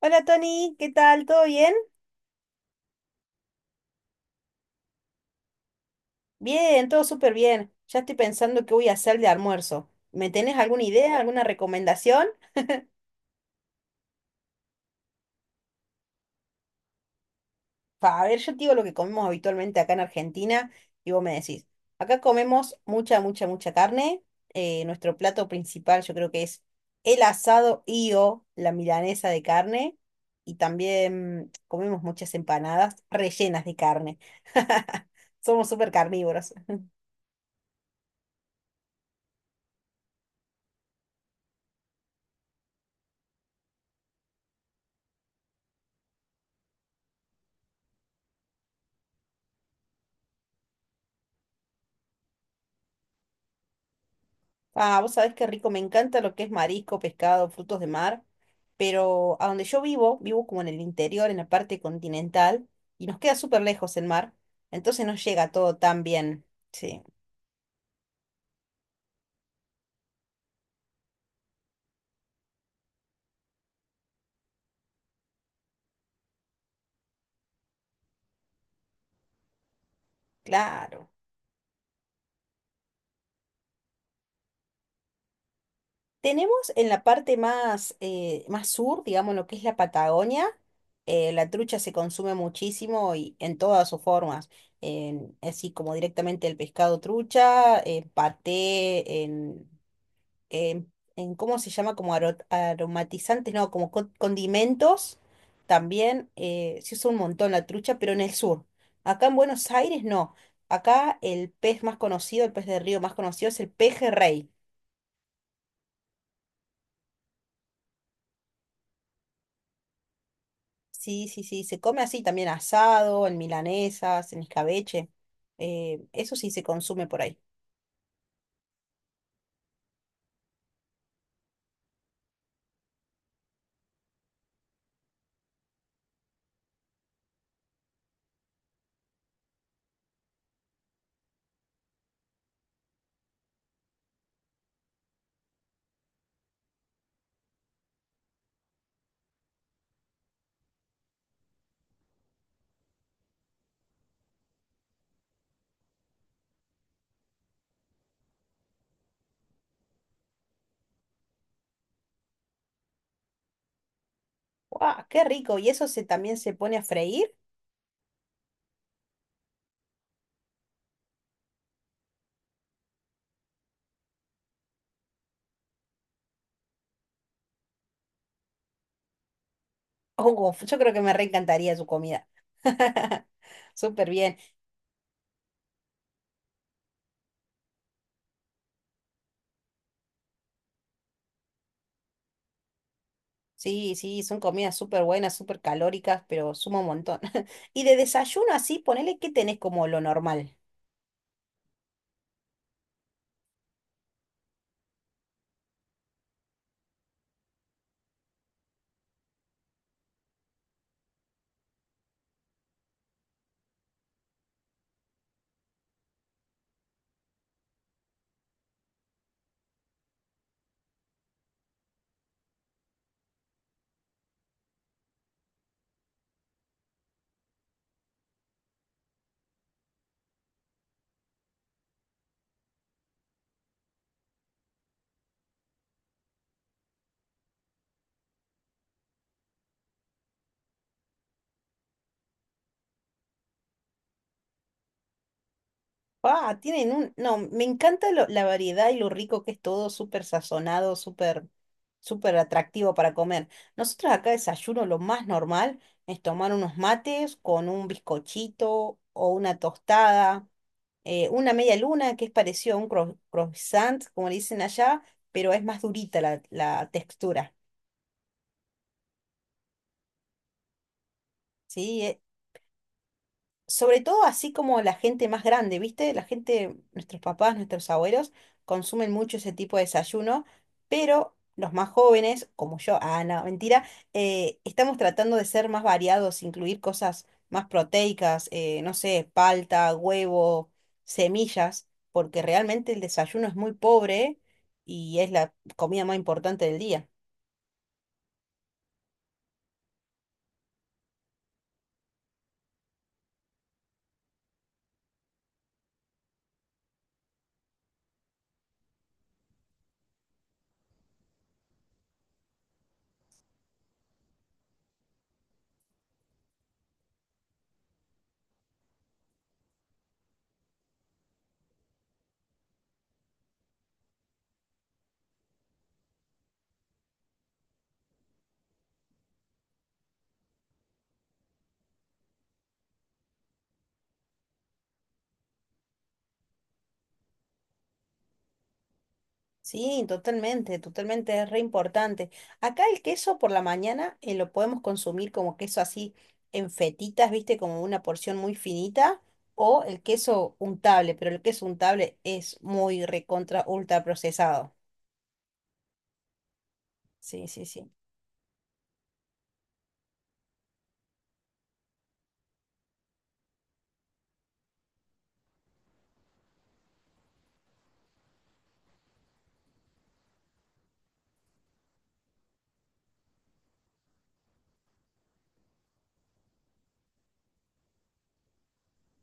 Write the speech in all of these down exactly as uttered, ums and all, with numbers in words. Hola Tony, ¿qué tal? ¿Todo bien? Bien, todo súper bien. Ya estoy pensando qué voy a hacer de almuerzo. ¿Me tenés alguna idea, alguna recomendación? Pa, a ver, yo te digo lo que comemos habitualmente acá en Argentina y vos me decís. Acá comemos mucha, mucha, mucha carne. Eh, nuestro plato principal yo creo que es el asado y o la milanesa de carne. Y también comemos muchas empanadas rellenas de carne. Somos súper carnívoros. Ah, vos sabés qué rico, me encanta lo que es marisco, pescado, frutos de mar, pero a donde yo vivo, vivo como en el interior, en la parte continental, y nos queda súper lejos el mar, entonces no llega todo tan bien. Sí, claro. Tenemos en la parte más, eh, más sur, digamos, lo que es la Patagonia, eh, la trucha se consume muchísimo y en todas sus formas, en- así como directamente el pescado trucha, eh, paté, en eh, en cómo se llama, como aro- aromatizantes, no, como co- condimentos, también eh, se usa un montón la trucha, pero en el sur. Acá en Buenos Aires no. Acá el pez más conocido, el pez de río más conocido es el pejerrey. Sí, sí, sí, se come así también asado, en milanesas, en escabeche. Eh, eso sí se consume por ahí. ¡Guau! ¡Qué rico! ¿Y eso se, también se pone a freír? Oh, yo creo que me reencantaría su comida. Súper bien. Sí, sí, son comidas súper buenas, súper calóricas, pero suma un montón. Y de desayuno así, ponele que tenés como lo normal. Ah, tienen un... No, me encanta lo- la variedad y lo rico que es todo, súper sazonado, súper, súper atractivo para comer. Nosotros acá desayuno lo más normal es tomar unos mates con un bizcochito o una tostada, eh, una media luna que es parecido a un cro- croissant, como le dicen allá, pero es más durita la la textura. Sí, e- Sobre todo así como la gente más grande, ¿viste? La gente, nuestros papás, nuestros abuelos, consumen mucho ese tipo de desayuno, pero los más jóvenes, como yo, ah, no, mentira, eh, estamos tratando de ser más variados, incluir cosas más proteicas, eh, no sé, palta, huevo, semillas, porque realmente el desayuno es muy pobre y es la comida más importante del día. Sí, totalmente, totalmente, es re importante. Acá el queso por la mañana eh, lo podemos consumir como queso así en fetitas, viste, como una porción muy finita, o el queso untable, pero el queso untable es muy recontra ultra procesado. Sí, sí, sí.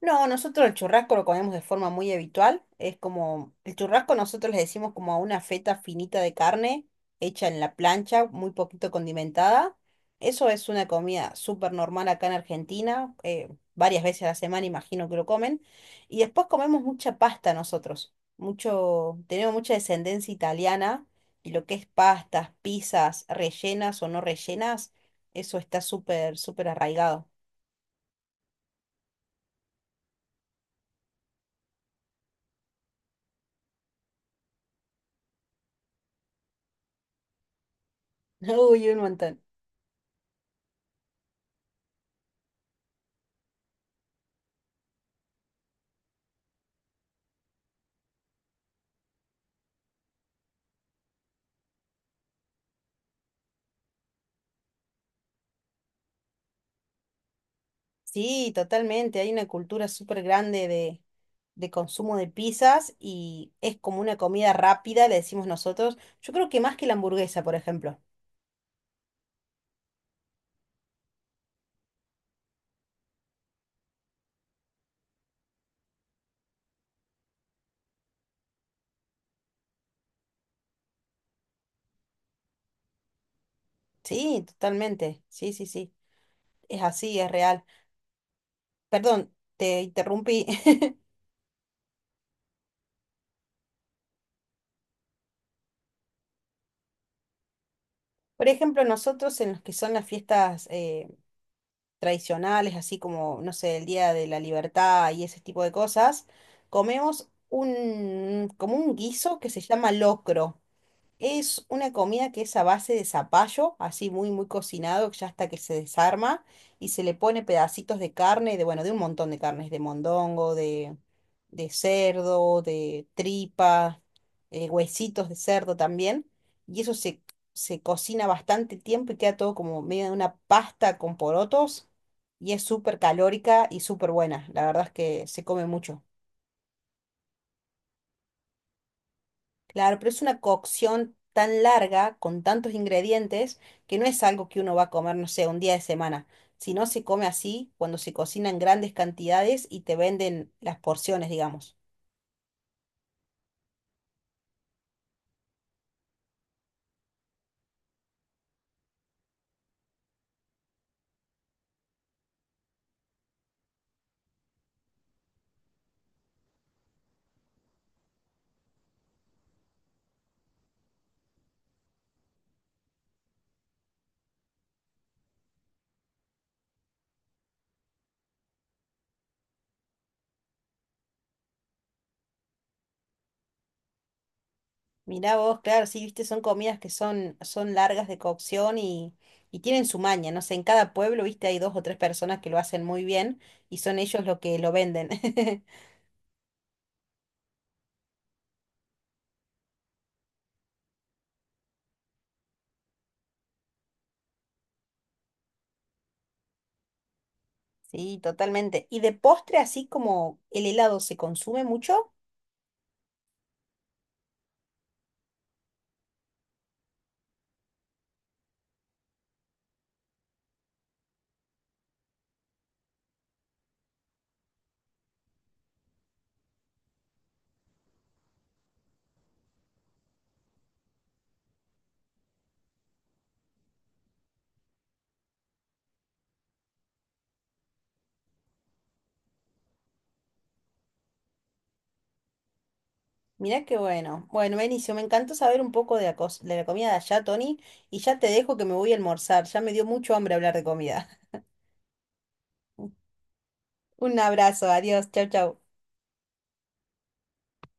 No, nosotros el churrasco lo comemos de forma muy habitual. Es como, el churrasco nosotros le decimos como a una feta finita de carne hecha en la plancha, muy poquito condimentada. Eso es una comida súper normal acá en Argentina. Eh, varias veces a la semana imagino que lo comen. Y después comemos mucha pasta nosotros. Mucho, tenemos mucha descendencia italiana y lo que es pastas, pizzas, rellenas o no rellenas, eso está súper, súper arraigado. Uy, un montón. Sí, totalmente. Hay una cultura súper grande de, de consumo de pizzas y es como una comida rápida, le decimos nosotros. Yo creo que más que la hamburguesa, por ejemplo. Sí, totalmente. Sí, sí, sí. Es así, es real. Perdón, te interrumpí. Por ejemplo, nosotros en los que son las fiestas eh, tradicionales, así como, no sé, el Día de la Libertad y ese tipo de cosas, comemos un, como un guiso que se llama locro. Es una comida que es a base de zapallo, así muy, muy cocinado, ya hasta que se desarma, y se le pone pedacitos de carne, de, bueno, de un montón de carnes, de mondongo, de, de cerdo, de tripa, eh, huesitos de cerdo también, y eso se, se cocina bastante tiempo y queda todo como medio de una pasta con porotos, y es súper calórica y súper buena, la verdad es que se come mucho. Claro, pero es una cocción tan larga, con tantos ingredientes, que no es algo que uno va a comer, no sé, un día de semana. Si no se come así, cuando se cocina en grandes cantidades y te venden las porciones, digamos. Mirá vos, claro, sí, viste, son comidas que son, son largas de cocción y, y tienen su maña. No sé, en cada pueblo, viste, hay dos o tres personas que lo hacen muy bien y son ellos los que lo venden. Sí, totalmente. ¿Y de postre, así como el helado, se consume mucho? Mirá qué bueno. Bueno, Benicio, me encantó saber un poco de la, cos- de la comida de allá, Tony, y ya te dejo que me voy a almorzar. Ya me dio mucho hambre hablar de comida. Un abrazo, adiós, chau, chau.